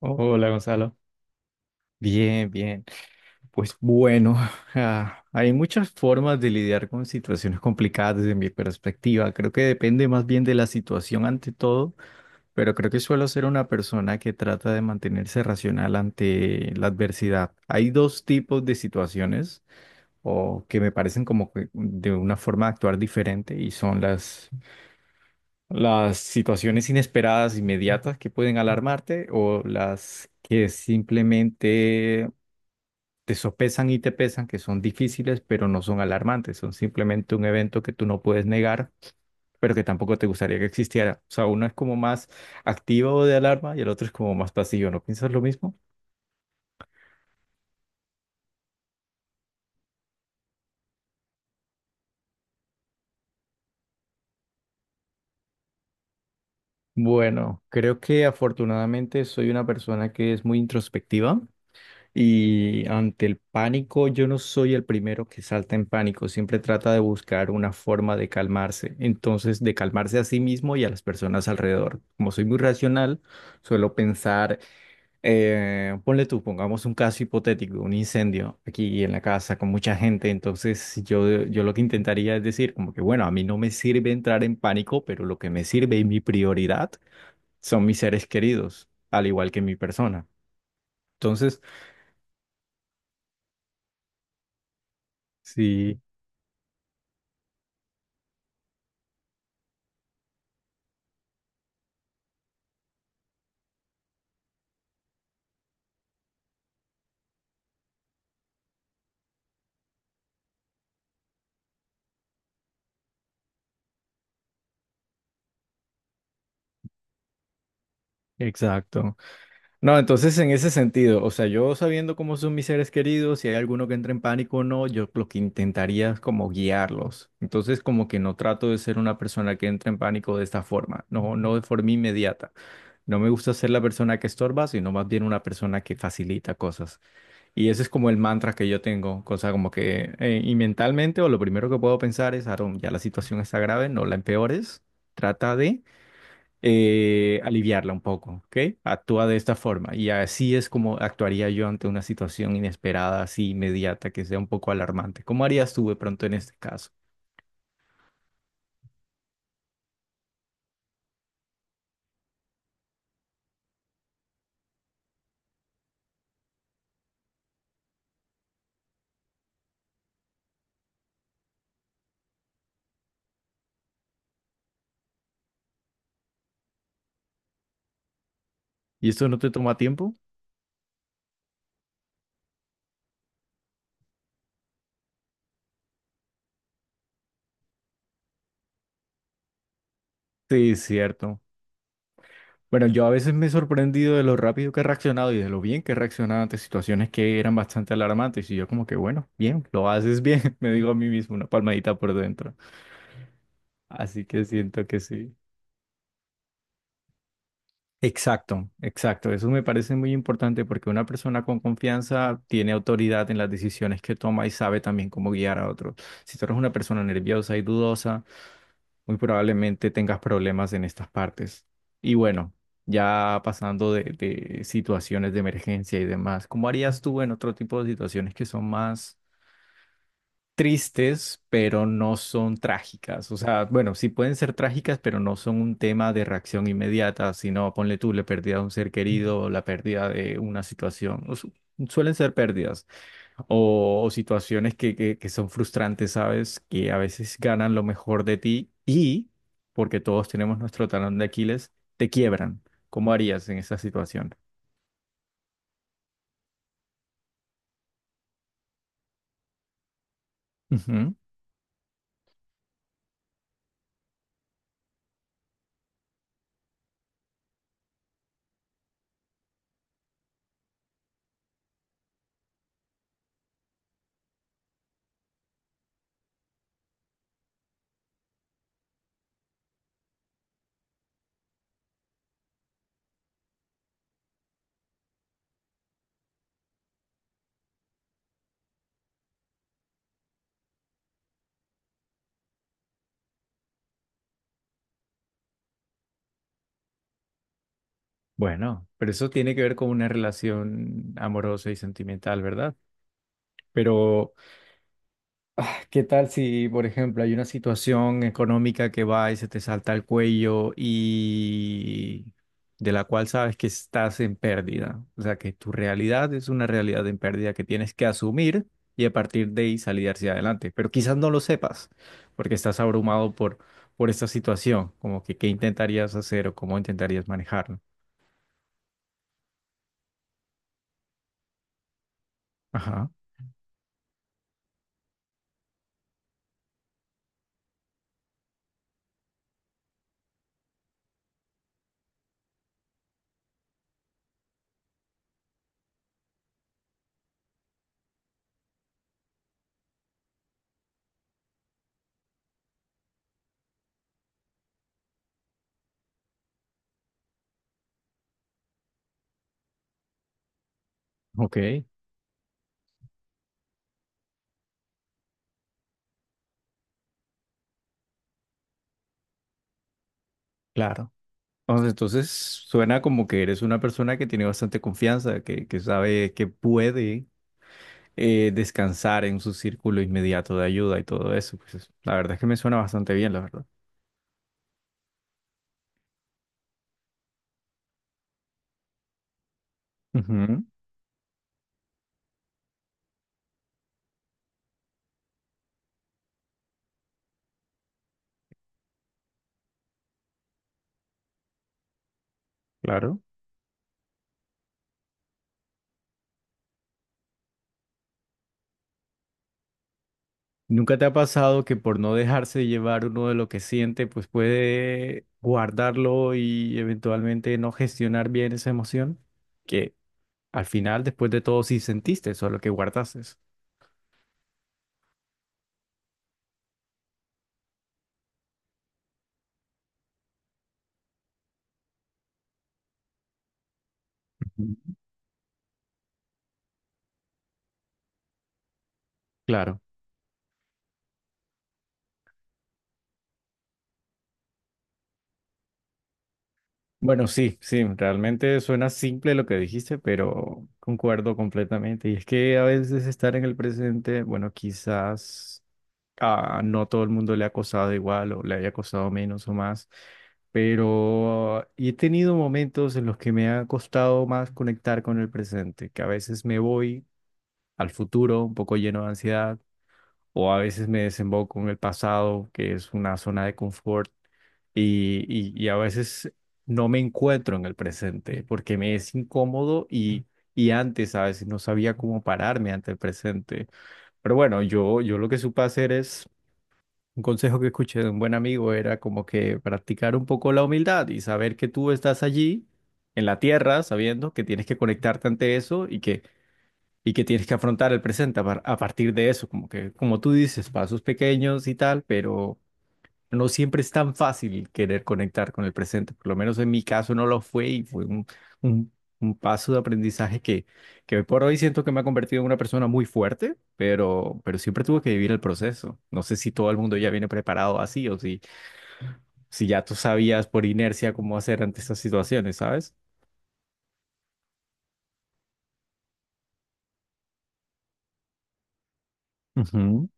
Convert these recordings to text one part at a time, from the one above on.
Hola Gonzalo. Bien, bien. Pues bueno, hay muchas formas de lidiar con situaciones complicadas desde mi perspectiva. Creo que depende más bien de la situación ante todo, pero creo que suelo ser una persona que trata de mantenerse racional ante la adversidad. Hay dos tipos de situaciones o que me parecen como que de una forma de actuar diferente y son las situaciones inesperadas, inmediatas que pueden alarmarte o las que simplemente te sopesan y te pesan, que son difíciles, pero no son alarmantes, son simplemente un evento que tú no puedes negar, pero que tampoco te gustaría que existiera. O sea, uno es como más activo de alarma y el otro es como más pasivo. ¿No piensas lo mismo? Bueno, creo que afortunadamente soy una persona que es muy introspectiva. Y ante el pánico, yo no soy el primero que salta en pánico, siempre trata de buscar una forma de calmarse, entonces de calmarse a sí mismo y a las personas alrededor. Como soy muy racional, suelo pensar, ponle tú, pongamos un caso hipotético, un incendio aquí en la casa con mucha gente, entonces yo lo que intentaría es decir, como que bueno, a mí no me sirve entrar en pánico, pero lo que me sirve y mi prioridad son mis seres queridos, al igual que mi persona. Entonces, sí. Exacto. No, entonces en ese sentido, o sea, yo sabiendo cómo son mis seres queridos, si hay alguno que entra en pánico o no, yo lo que intentaría es como guiarlos. Entonces como que no trato de ser una persona que entra en pánico de esta forma, no, no de forma inmediata. No me gusta ser la persona que estorba, sino más bien una persona que facilita cosas. Y ese es como el mantra que yo tengo, cosa como que, y mentalmente, o lo primero que puedo pensar es, Aaron, ya la situación está grave, no la empeores, trata de aliviarla un poco, ¿ok? Actúa de esta forma y así es como actuaría yo ante una situación inesperada, así inmediata, que sea un poco alarmante. ¿Cómo harías tú de pronto en este caso? ¿Y esto no te toma tiempo? Sí, es cierto. Bueno, yo a veces me he sorprendido de lo rápido que he reaccionado y de lo bien que he reaccionado ante situaciones que eran bastante alarmantes y yo como que, bueno, bien, lo haces bien, me digo a mí mismo una palmadita por dentro. Así que siento que sí. Exacto, exacto. Eso me parece muy importante porque una persona con confianza tiene autoridad en las decisiones que toma y sabe también cómo guiar a otros. Si tú eres una persona nerviosa y dudosa, muy probablemente tengas problemas en estas partes. Y bueno, ya pasando de situaciones de emergencia y demás, ¿cómo harías tú en otro tipo de situaciones que son más tristes, pero no son trágicas? O sea, bueno, sí pueden ser trágicas, pero no son un tema de reacción inmediata, sino ponle tú la pérdida de un ser querido, o la pérdida de una situación. Suelen ser pérdidas o situaciones que son frustrantes, ¿sabes? Que a veces ganan lo mejor de ti y, porque todos tenemos nuestro talón de Aquiles, te quiebran. ¿Cómo harías en esa situación? Ujú. Bueno, pero eso tiene que ver con una relación amorosa y sentimental, ¿verdad? Pero ah, ¿qué tal si, por ejemplo, hay una situación económica que va y se te salta el cuello y de la cual sabes que estás en pérdida? O sea, que tu realidad es una realidad en pérdida que tienes que asumir y a partir de ahí salir hacia adelante. Pero quizás no lo sepas porque estás abrumado por esta situación, como que qué intentarías hacer o cómo intentarías manejarlo. Ajá, ok, claro. O sea, entonces suena como que eres una persona que tiene bastante confianza, que sabe que puede descansar en su círculo inmediato de ayuda y todo eso. Pues la verdad es que me suena bastante bien, la verdad. Ujú, claro. ¿Nunca te ha pasado que por no dejarse llevar uno de lo que siente, pues puede guardarlo y eventualmente no gestionar bien esa emoción? Que al final, después de todo, sí sentiste eso, lo que guardaste. Ujú. Claro. Bueno, sí, sí, realmente suena simple lo que dijiste, pero concuerdo completamente. Y es que a veces estar en el presente, bueno, quizás a no todo el mundo le ha costado igual o le haya costado menos o más, pero he tenido momentos en los que me ha costado más conectar con el presente, que a veces me voy al futuro un poco lleno de ansiedad o a veces me desemboco en el pasado, que es una zona de confort, y, y a veces no me encuentro en el presente porque me es incómodo y antes a veces no sabía cómo pararme ante el presente. Pero bueno, yo lo que supe hacer es, un consejo que escuché de un buen amigo era como que practicar un poco la humildad y saber que tú estás allí en la tierra, sabiendo que tienes que conectarte ante eso y que que tienes que afrontar el presente a partir de eso, como que, como tú dices, pasos pequeños y tal, pero no siempre es tan fácil querer conectar con el presente, por lo menos en mi caso no lo fue y fue un, un paso de aprendizaje que hoy por hoy siento que me ha convertido en una persona muy fuerte, pero siempre tuve que vivir el proceso. No sé si todo el mundo ya viene preparado así o si, si ya tú sabías por inercia cómo hacer ante estas situaciones, ¿sabes? Ujú.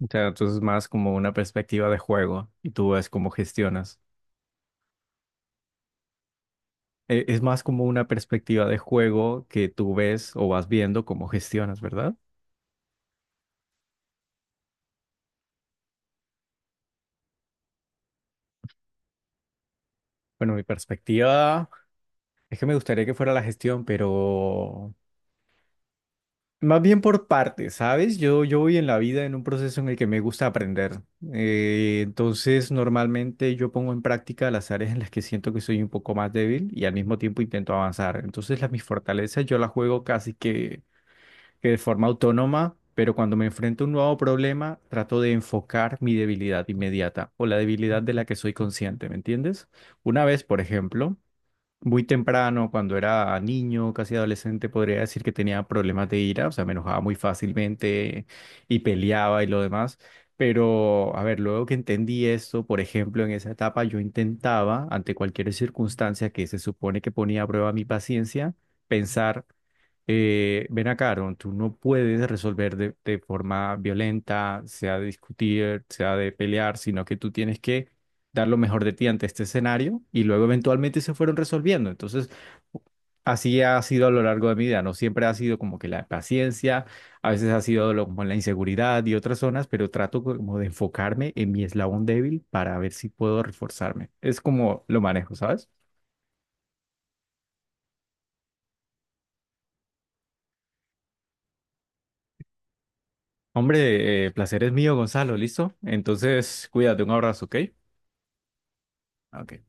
O sea, entonces es más como una perspectiva de juego y tú ves cómo gestionas. Es más como una perspectiva de juego que tú ves o vas viendo cómo gestionas, ¿verdad? Bueno, mi perspectiva es que me gustaría que fuera la gestión, pero más bien por partes, ¿sabes? Yo voy en la vida en un proceso en el que me gusta aprender. Entonces, normalmente yo pongo en práctica las áreas en las que siento que soy un poco más débil y al mismo tiempo intento avanzar. Entonces, las mis fortalezas yo las juego casi que de forma autónoma, pero cuando me enfrento a un nuevo problema, trato de enfocar mi debilidad inmediata o la debilidad de la que soy consciente, ¿me entiendes? Una vez, por ejemplo, muy temprano, cuando era niño, casi adolescente, podría decir que tenía problemas de ira, o sea, me enojaba muy fácilmente y peleaba y lo demás. Pero, a ver, luego que entendí esto, por ejemplo, en esa etapa yo intentaba, ante cualquier circunstancia que se supone que ponía a prueba mi paciencia, pensar, ven acá, Aaron, tú no puedes resolver de forma violenta, sea de discutir, sea de pelear, sino que tú tienes que dar lo mejor de ti ante este escenario y luego eventualmente se fueron resolviendo. Entonces, así ha sido a lo largo de mi vida, no siempre ha sido como que la paciencia, a veces ha sido como la inseguridad y otras zonas, pero trato como de enfocarme en mi eslabón débil para ver si puedo reforzarme. Es como lo manejo, ¿sabes? Hombre, placer es mío, Gonzalo, ¿listo? Entonces, cuídate, un abrazo, ¿ok? Ok.